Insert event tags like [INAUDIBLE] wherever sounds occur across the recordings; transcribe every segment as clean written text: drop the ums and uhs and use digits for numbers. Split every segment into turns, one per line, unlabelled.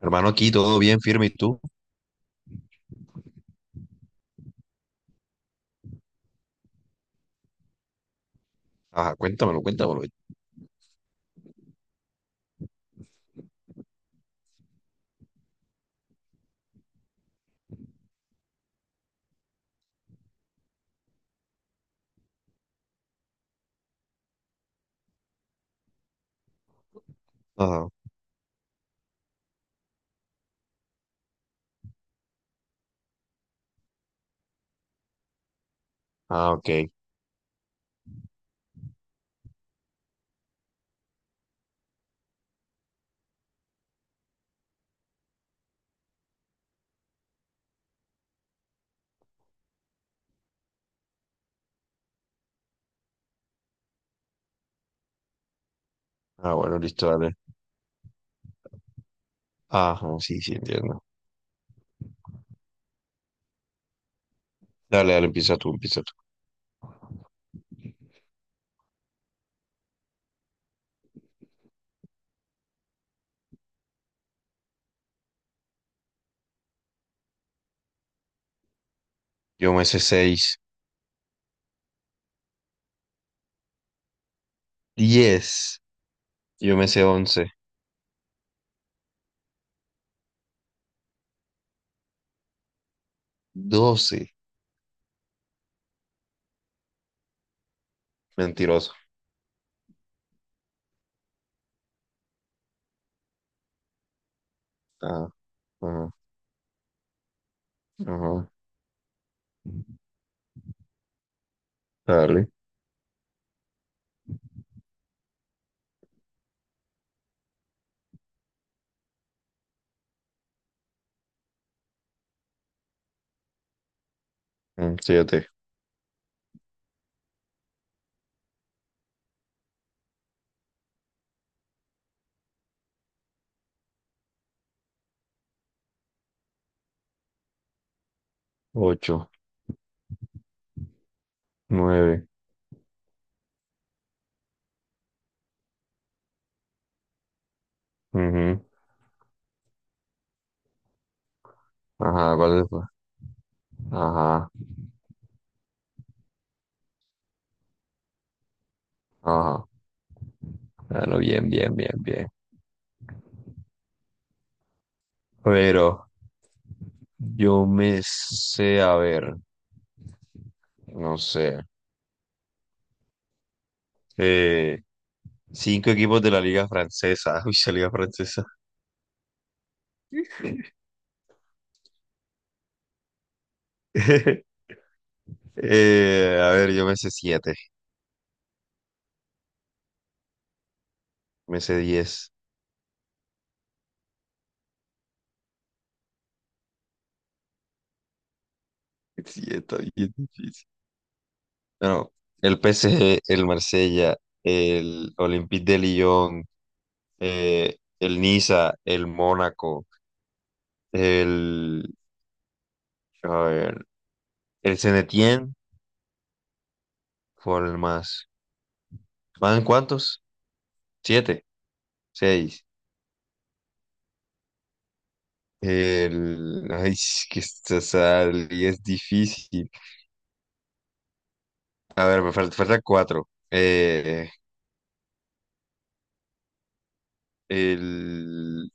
Hermano, aquí todo bien, firme, ¿y tú? Ajá, cuéntamelo, cuéntamelo. Ajá. Ah, ok. Ah, bueno, listo, dale. Ajá, sí, sí, entiendo. Dale, dale, empieza tú, empieza tú. Yo me sé seis, diez, yo me sé once, doce. Mentiroso. Ajá, ajá, ajá. Dale. 7, 8, 9. Ajá, ¿cuál es? Ajá, ajá. Ah, no, bien, bien, bien, bien. Pero yo me sé, a ver, no sé, eh, cinco equipos de la Liga Francesa. [LAUGHS] Uy, la Liga Francesa. [LAUGHS] A ver, yo me sé siete, me sé diez. Sí, está bien difícil. Bueno, el PSG, el Marsella, el Olympique de Lyon, el Niza, el Mónaco, el, a ver, el Saint-Etienne, por el más. ¿Van cuántos? Siete. Seis. Ay, es que y es difícil. A ver, falta cuatro. El...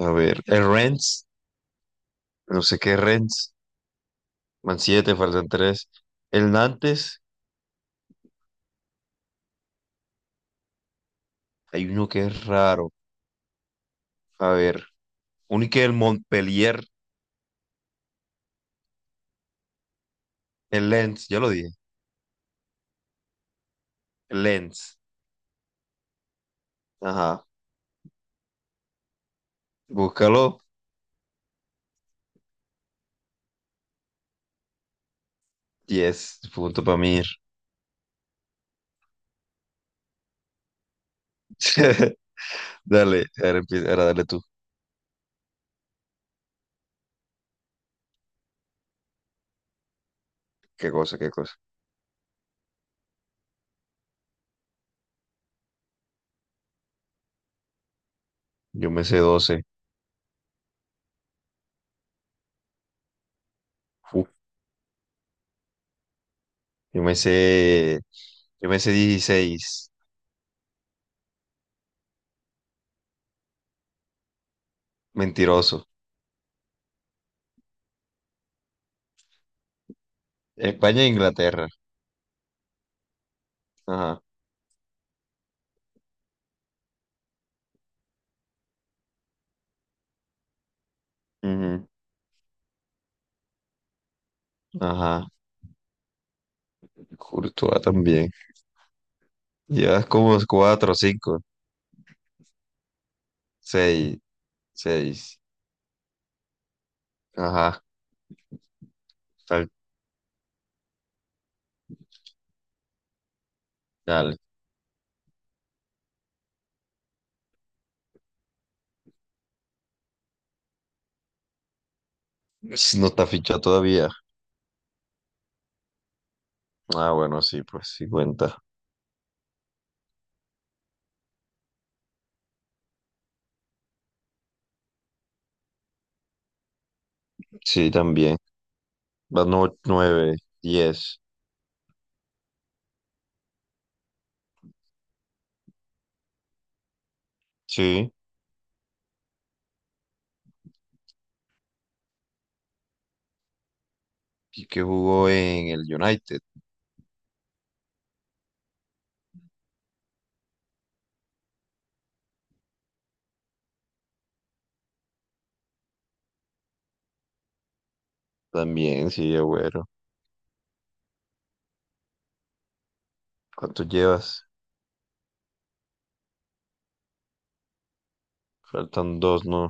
A ver, el Rennes. No sé qué es Rennes. Van siete, faltan tres. El Nantes. Hay uno que es raro. A ver, uno que el Montpellier. El Lens, ya lo dije. El Lens. Ajá. Búscalo. Diez. Punto para mí. [LAUGHS] Dale, ahora empieza, ahora dale tú. Qué cosa, qué cosa. Yo me sé doce. Yo me sé, yo me sé dieciséis, mentiroso. España e Inglaterra. Ajá. Ujú. Ajá. Courtois también. Llevas como cuatro, cinco, seis, seis. Ajá. Tal, dale. No está fichado todavía. Ah, bueno, sí, pues sí cuenta. Sí, también. Va no, nueve, diez. Sí. Y que jugó en el United. También, sí, bueno. ¿Cuántos llevas? Faltan dos, ¿no?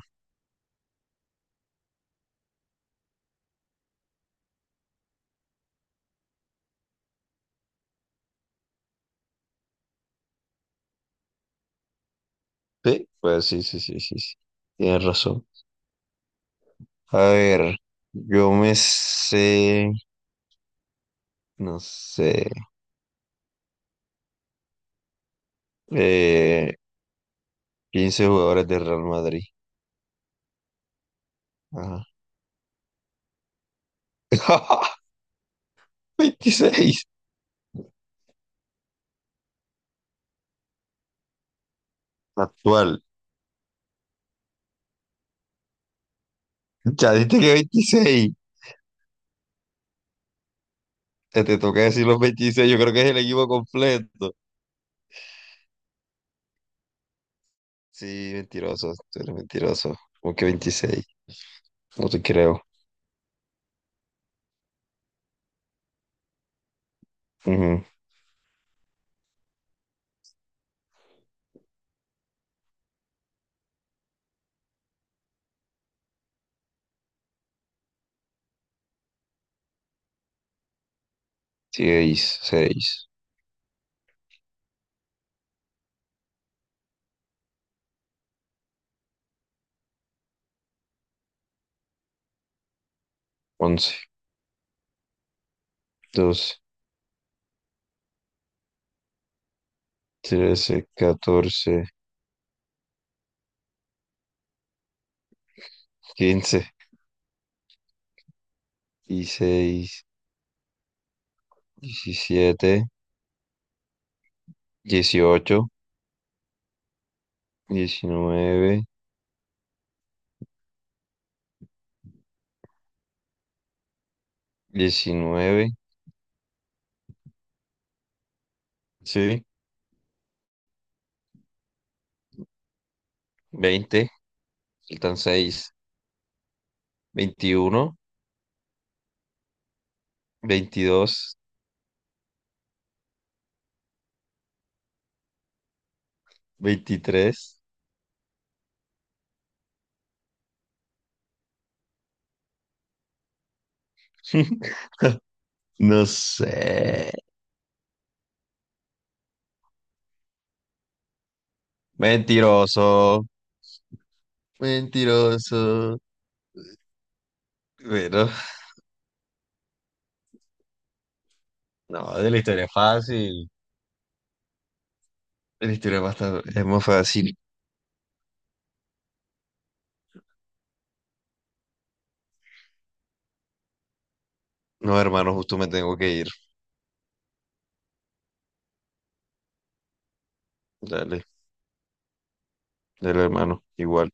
Sí, pues sí, sí, sí, sí, sí. Tienes razón. A ver, yo me sé, no sé, eh, 15 jugadores de Real Madrid. Ajá. [LAUGHS] Veintiséis. Actual. Ya diste que veintiséis. Te toca decir los veintiséis. Yo creo que es el equipo completo. Sí, mentiroso. Tú eres mentiroso. ¿Cómo que 26? No te creo. Ujú. Seis, 6, 11, 12, 13, 14, 15. Dieciséis, diecisiete, dieciocho, diecinueve, diecinueve, sí, veinte, faltan seis, veintiuno, veintidós, veintitrés. [LAUGHS] No sé. Mentiroso, mentiroso. Pero no, de la historia es fácil. De la historia es bastante, es muy fácil. No, hermano, justo me tengo que ir. Dale, dale, hermano, igual.